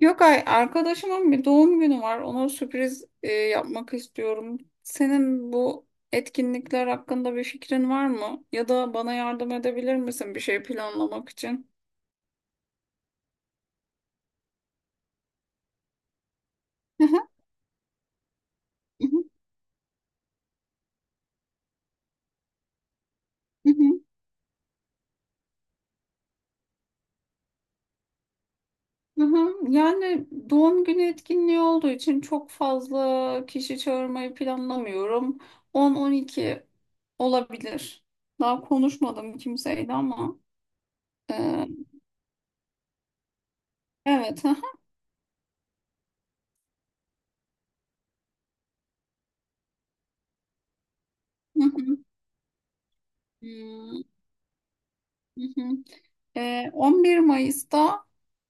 Yok, arkadaşımın bir doğum günü var. Ona sürpriz yapmak istiyorum. Senin bu etkinlikler hakkında bir fikrin var mı? Ya da bana yardım edebilir misin bir şey planlamak için? Hı hı, hı hı, hı hı, hı hı. Yani doğum günü etkinliği olduğu için çok fazla kişi çağırmayı planlamıyorum. 10-12 olabilir. Daha konuşmadım kimseyle ama. e, evet. Hı hı, hı hı. Hı hı. 11 Mayıs'ta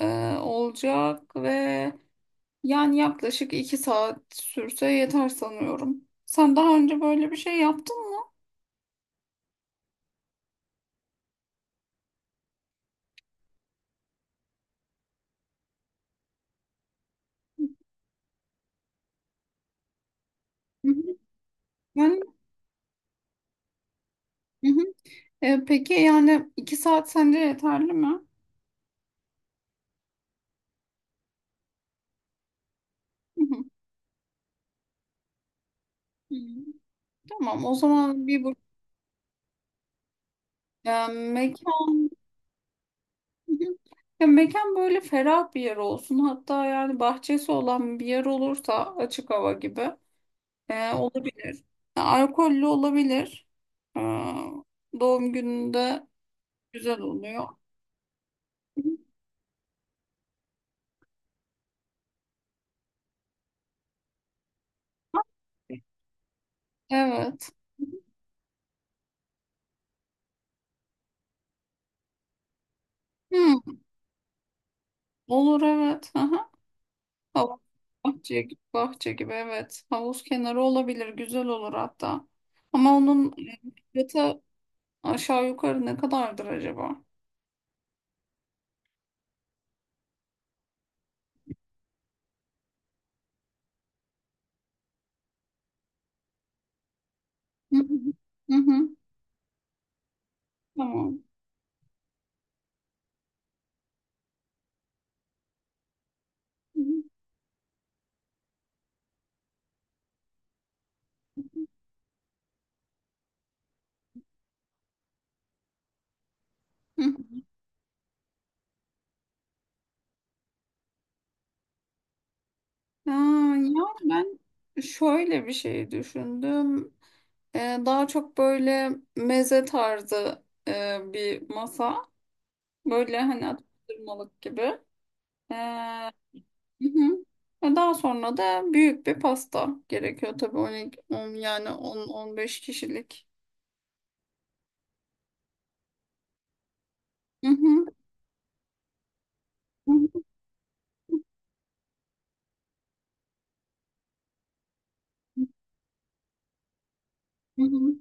olacak ve yani yaklaşık 2 saat sürse yeter sanıyorum. Sen daha önce böyle bir şey yaptın mı? Hı hı. Yani, hı hı. Peki yani 2 saat sence yeterli mi? Hı hı. Hı. Tamam, o zaman bir bu mekan. Hı hı. Ya mekan böyle ferah bir yer olsun. Hatta yani bahçesi olan bir yer olursa açık hava gibi. Olabilir. Alkollü olabilir. Ee, doğum gününde güzel oluyor. Evet. Hmm, olur, evet. Aha. Hav- Bahçe gibi- bahçe gibi, evet. Havuz kenarı olabilir. Güzel olur hatta. Ama onun fiyatı aşağı yukarı ne kadardır acaba? Hı hı. Hı hı. Tamam. Hı hı. Hı hı. Aa, ya ben şöyle bir şey düşündüm. Ee, daha çok böyle meze tarzı bir masa. Böyle hani atıştırmalık gibi. Hı hı. Ve daha sonra da büyük bir pasta gerekiyor tabii, 12, 10, yani 10-15 kişilik. Hı hı. Hı hı. Hı hı.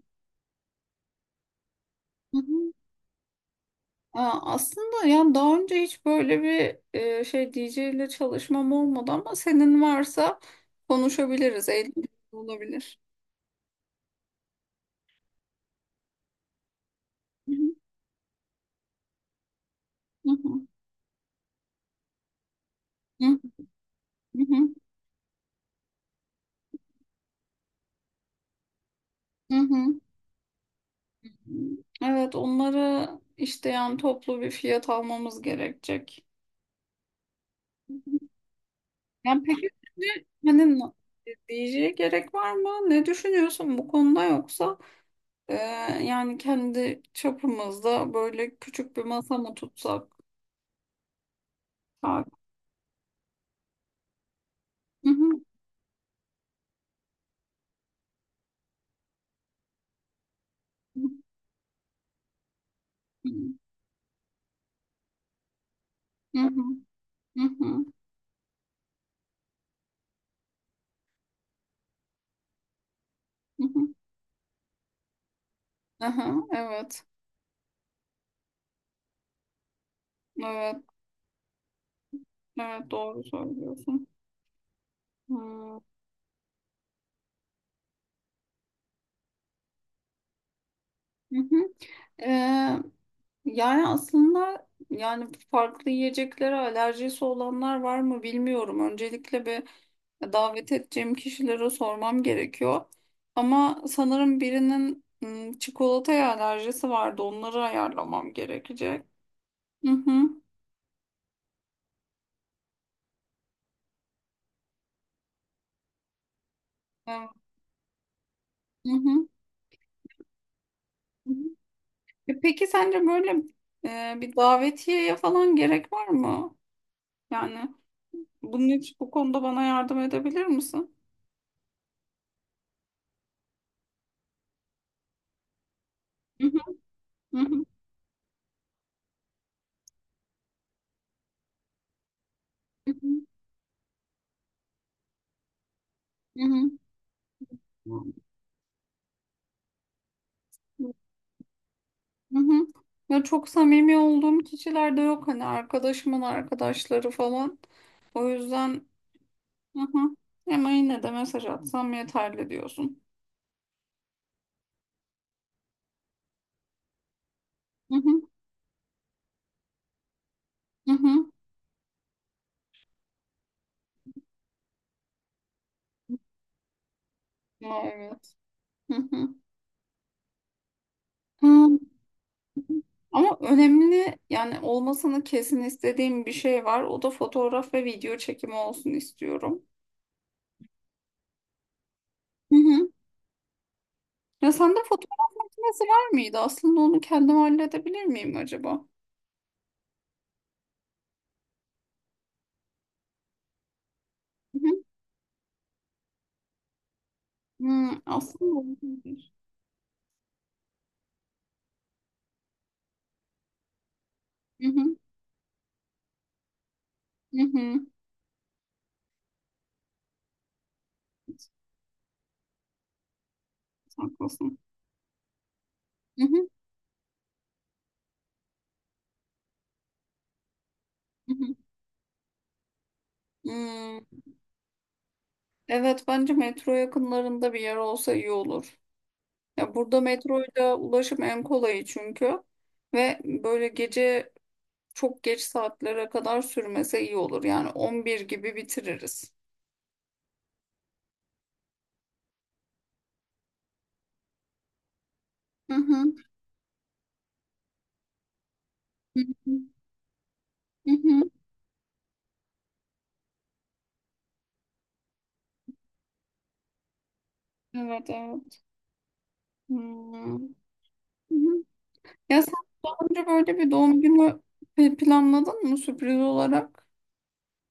Hı hı. Aa, aslında yani daha önce hiç böyle bir DJ ile çalışmam olmadı, ama senin varsa konuşabiliriz. Eğlenceli olabilir. Hı hı. Hı hı. Hı hı. Hı hı. Evet, onları işte yani toplu bir fiyat almamız gerekecek. Yani peki şimdi hani diyeceğe gerek var mı? Ne düşünüyorsun bu konuda, yoksa e, yani kendi çapımızda böyle küçük bir masa mı tutsak? Ha-. Hı hı. Hı hı. Hı hı. Hı hı. Hı. Aha, evet. Evet. Evet, doğru söylüyorsun. Hı hı. Ee, yani aslında yani farklı yiyeceklere alerjisi olanlar var mı bilmiyorum. Öncelikle bir davet edeceğim kişilere sormam gerekiyor. Ama sanırım birinin, çikolataya alerjisi vardı. Onları ayarlamam gerekecek. Hı hı. Evet. Hı hı. Hı hı. E, peki sence böyle bir davetiyeye falan gerek var mı? Yani bunun için bu konuda bana yardım edebilir misin? Hı hı. Hı hı. Hı hı. Hı hı. Hı hı. Ya çok samimi olduğum kişiler de yok hani, arkadaşımın arkadaşları falan. O yüzden hı hı. Ama yine de mesaj atsam yeterli diyorsun. Hı hı. Hı hı. Ya, evet. Hı hı. Hı. Ama önemli yani olmasını kesin istediğim bir şey var. O da fotoğraf ve video çekimi olsun istiyorum. Hı hı. Ya, sende fotoğraf makinesi var mıydı? Aslında onu kendim halledebilir miyim acaba? Hı hı. Hı, aslında olabilir. Hı hı. Hı hı. Haklısın. Hı hı, hı hı. Hmm. Evet, bence metro yakınlarında bir yer olsa iyi olur. Ya burada metroyla ulaşım en kolayı, çünkü ve böyle gece çok geç saatlere kadar sürmese iyi olur. Yani 11 gibi bitiririz. Hı hı, hı hı, hı hı. Evet, evet. Hmm, hı hı. Ya sen daha önce böyle bir doğum günü planladın mı sürpriz olarak?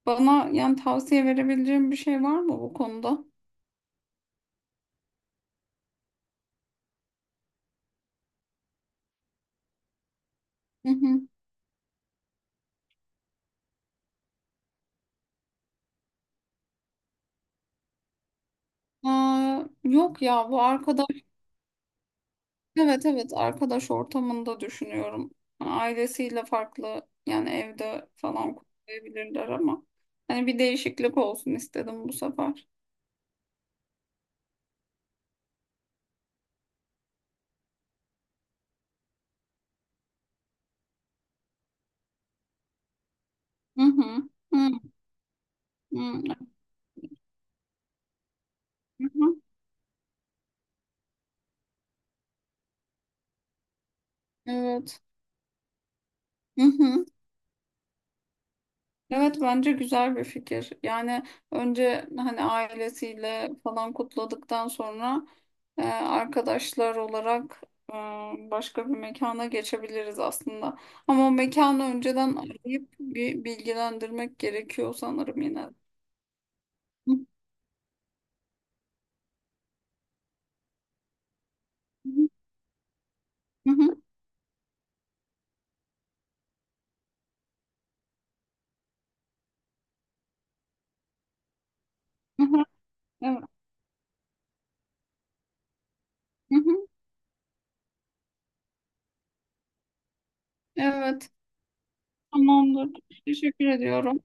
Bana yani tavsiye verebileceğim bir şey var mı bu konuda? Hı hı. Aa, yok ya, bu arkadaş, evet, evet, arkadaş ortamında düşünüyorum. Yani ailesiyle farklı, yani evde falan kutlayabilirler, ama hani bir değişiklik olsun istedim bu sefer. Hı hı. Hı hı. Hı hı. Evet. Hı hı. Evet, bence güzel bir fikir. Yani önce hani ailesiyle falan kutladıktan sonra arkadaşlar olarak e, başka bir mekana geçebiliriz aslında. Ama o mekanı önceden arayıp bir bilgilendirmek gerekiyor sanırım yine. Hı hı, hı hı, hı hı. Evet. Hı hı, evet. Tamamdır. Teşekkür ediyorum.